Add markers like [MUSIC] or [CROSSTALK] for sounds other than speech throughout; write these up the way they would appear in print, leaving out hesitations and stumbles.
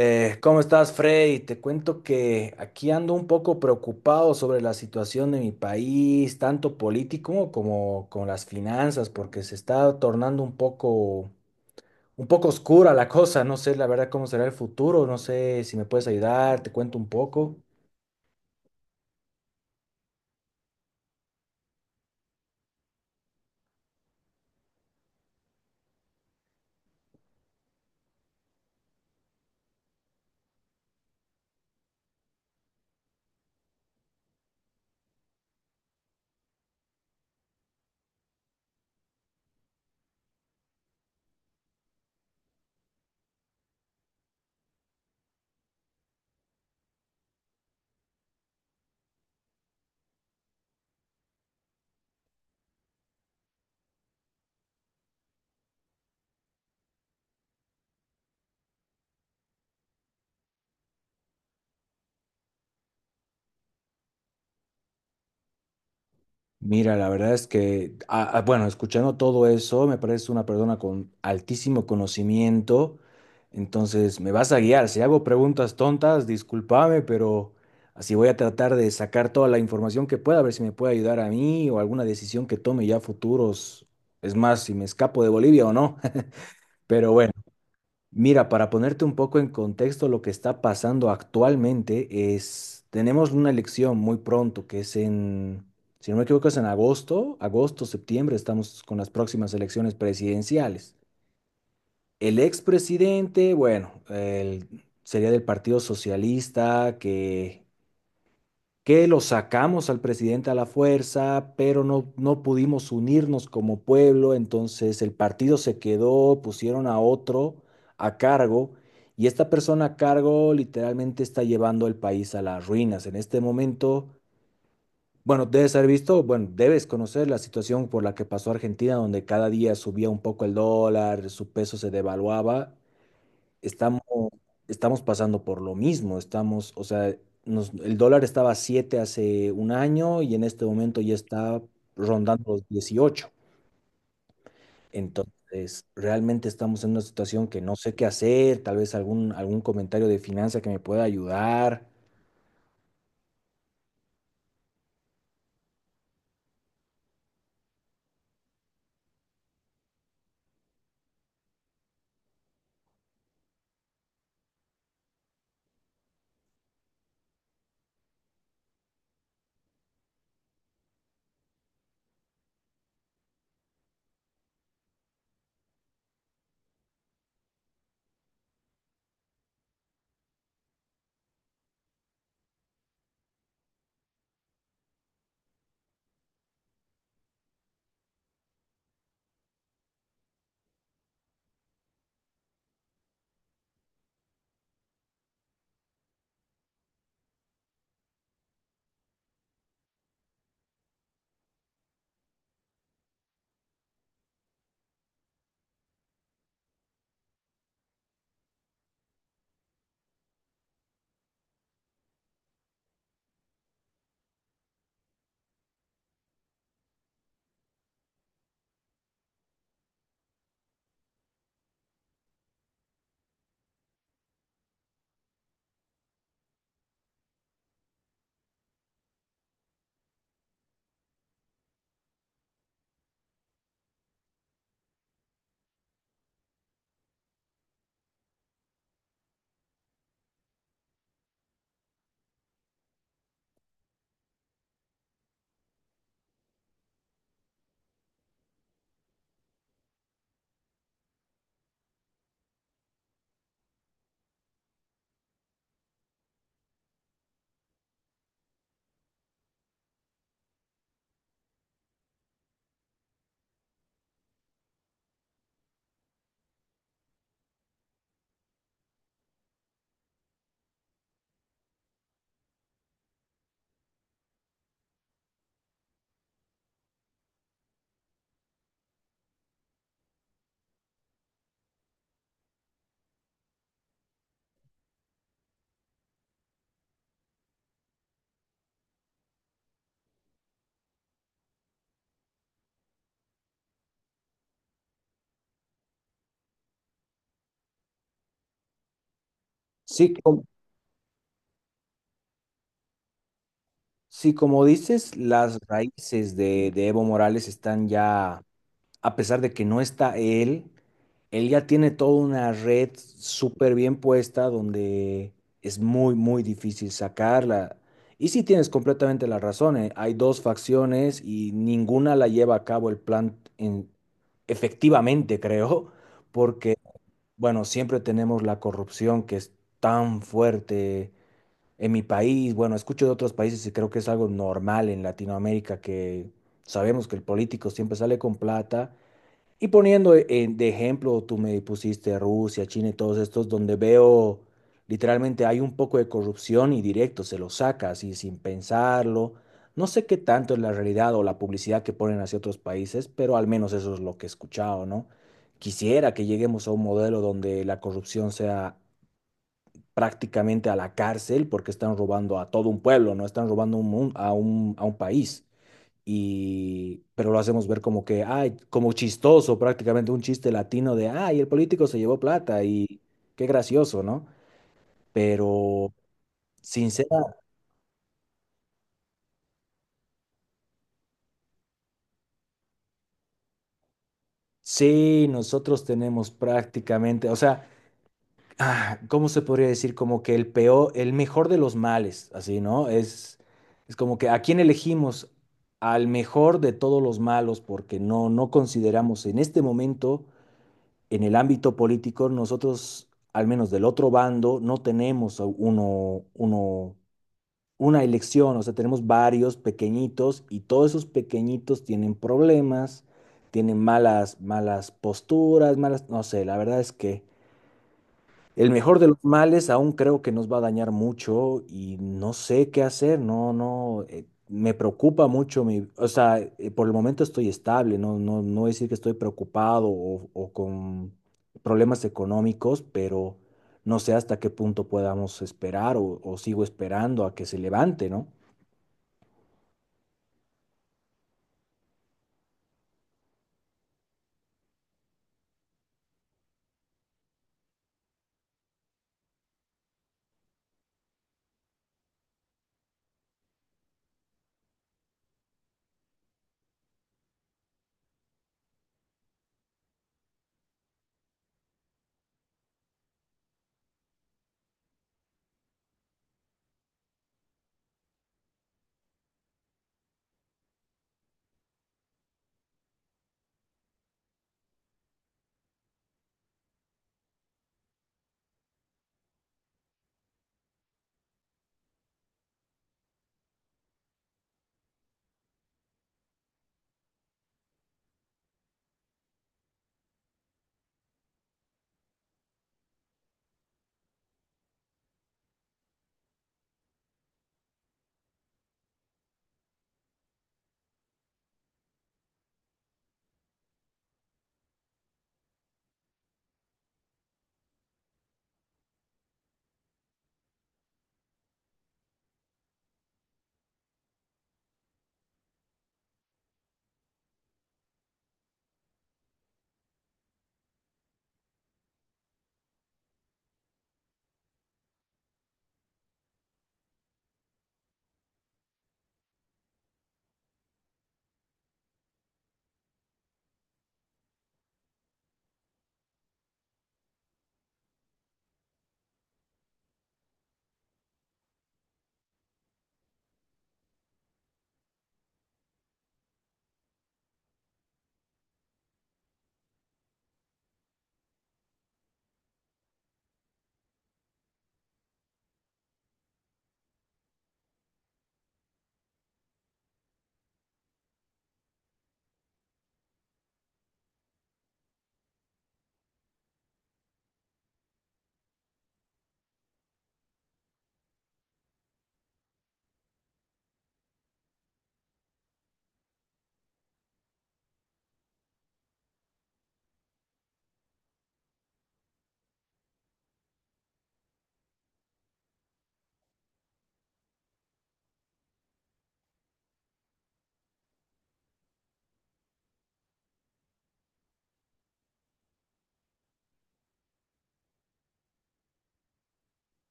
¿Cómo estás, Freddy? Te cuento que aquí ando un poco preocupado sobre la situación de mi país, tanto político como con las finanzas, porque se está tornando un poco oscura la cosa. No sé, la verdad, cómo será el futuro. No sé si me puedes ayudar, te cuento un poco. Mira, la verdad es que, bueno, escuchando todo eso, me parece una persona con altísimo conocimiento. Entonces, me vas a guiar. Si hago preguntas tontas, discúlpame, pero así voy a tratar de sacar toda la información que pueda, a ver si me puede ayudar a mí o alguna decisión que tome ya futuros. Es más, si me escapo de Bolivia o no. [LAUGHS] Pero bueno. Mira, para ponerte un poco en contexto, lo que está pasando actualmente es, tenemos una elección muy pronto, que es en, si no me equivoco, es en septiembre, estamos con las próximas elecciones presidenciales. El expresidente, bueno, él sería del Partido Socialista, que lo sacamos al presidente a la fuerza, pero no pudimos unirnos como pueblo, entonces el partido se quedó, pusieron a otro a cargo y esta persona a cargo literalmente está llevando el país a las ruinas. En este momento, bueno, debes haber visto, bueno, debes conocer la situación por la que pasó Argentina, donde cada día subía un poco el dólar, su peso se devaluaba estamos, estamos pasando por lo mismo, estamos, o sea, el dólar estaba a 7 hace un año y en este momento ya está rondando los 18. Entonces, realmente estamos en una situación que no sé qué hacer, tal vez algún comentario de finanza que me pueda ayudar. Sí, como, sí, como dices, las raíces de Evo Morales están ya a pesar de que no está él, él ya tiene toda una red súper bien puesta donde es muy, muy difícil sacarla. Y sí tienes completamente la razón, hay dos facciones y ninguna la lleva a cabo el plan efectivamente, creo, porque, bueno, siempre tenemos la corrupción que es tan fuerte en mi país. Bueno, escucho de otros países y creo que es algo normal en Latinoamérica que sabemos que el político siempre sale con plata y poniendo de ejemplo, tú me pusiste Rusia, China y todos estos, donde veo literalmente hay un poco de corrupción y directo, se lo saca así sin pensarlo. No sé qué tanto es la realidad o la publicidad que ponen hacia otros países, pero al menos eso es lo que he escuchado, ¿no? Quisiera que lleguemos a un modelo donde la corrupción sea prácticamente a la cárcel porque están robando a todo un pueblo, no están robando un mun- a un país y pero lo hacemos ver como que, ay, como chistoso, prácticamente un chiste latino de, ay, el político se llevó plata y qué gracioso, ¿no? Pero sincera, sí, nosotros tenemos prácticamente, o sea, ¿cómo se podría decir? Como que el peor, el mejor de los males, así, ¿no? Es como que a quién elegimos al mejor de todos los malos porque no consideramos en este momento en el ámbito político nosotros, al menos del otro bando, no tenemos una elección, o sea, tenemos varios pequeñitos y todos esos pequeñitos tienen problemas, tienen malas, malas posturas, no sé, la verdad es que el mejor de los males aún creo que nos va a dañar mucho y no sé qué hacer, no, no, me preocupa mucho, o sea, por el momento estoy estable, no decir que estoy preocupado o con problemas económicos, pero no sé hasta qué punto podamos esperar o sigo esperando a que se levante, ¿no?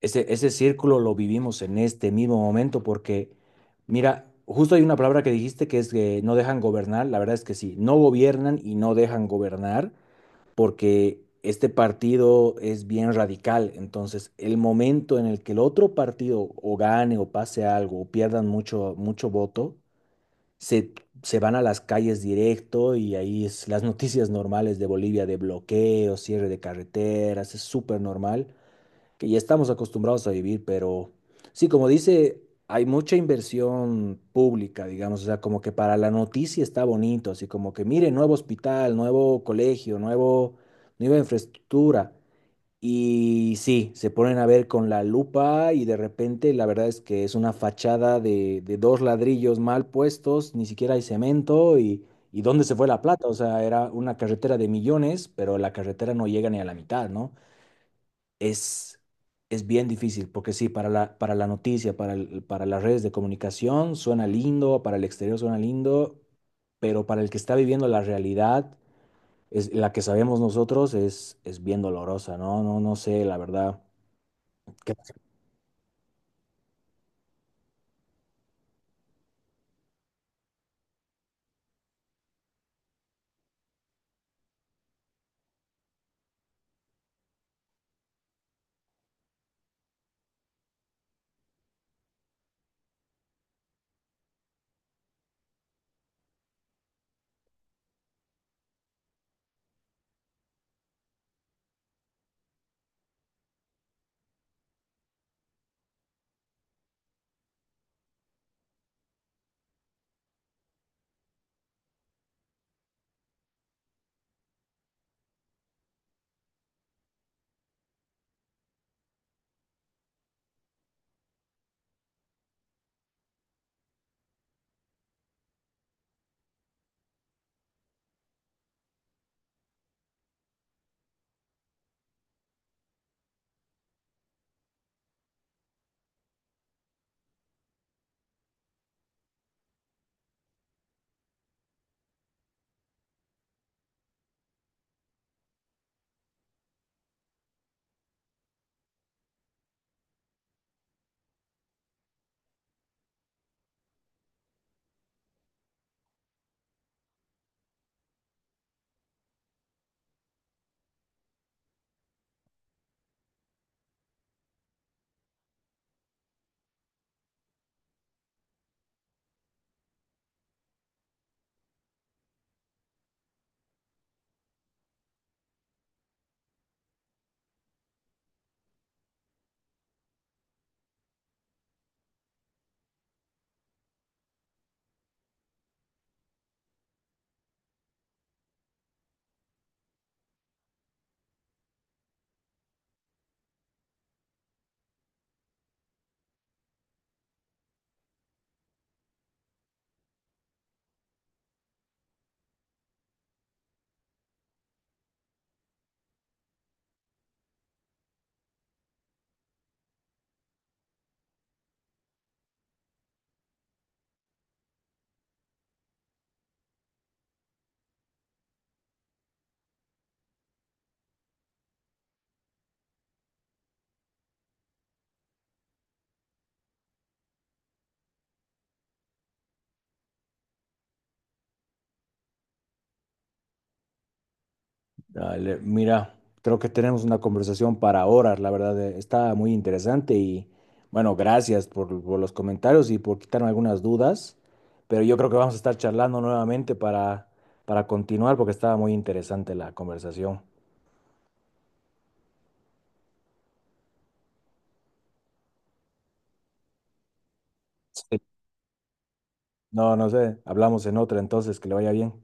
Ese círculo lo vivimos en este mismo momento porque, mira, justo hay una palabra que dijiste que es que no dejan gobernar. La verdad es que sí, no gobiernan y no dejan gobernar porque este partido es bien radical. Entonces, el momento en el que el otro partido o gane o pase algo o pierdan mucho, mucho voto, se, se van a las calles directo y ahí es las [LAUGHS] noticias normales de Bolivia de bloqueo, cierre de carreteras, es súper normal que ya estamos acostumbrados a vivir, pero sí, como dice, hay mucha inversión pública, digamos, o sea, como que para la noticia está bonito, así como que mire, nuevo hospital, nuevo colegio, nuevo, nueva infraestructura. Y sí, se ponen a ver con la lupa y de repente la verdad es que es una fachada de dos ladrillos mal puestos, ni siquiera hay cemento y ¿dónde se fue la plata? O sea, era una carretera de millones, pero la carretera no llega ni a la mitad, ¿no? es, es bien difícil, porque sí, para la noticia, para las redes de comunicación suena lindo, para el exterior suena lindo, pero para el que está viviendo la realidad, la que sabemos nosotros, es bien dolorosa, ¿no? No, no sé, la verdad. Dale, mira, creo que tenemos una conversación para horas, la verdad, está muy interesante y bueno, gracias por los comentarios y por quitarme algunas dudas, pero yo creo que vamos a estar charlando nuevamente para continuar porque estaba muy interesante la conversación. Sí. No, no sé, hablamos en otra entonces, que le vaya bien.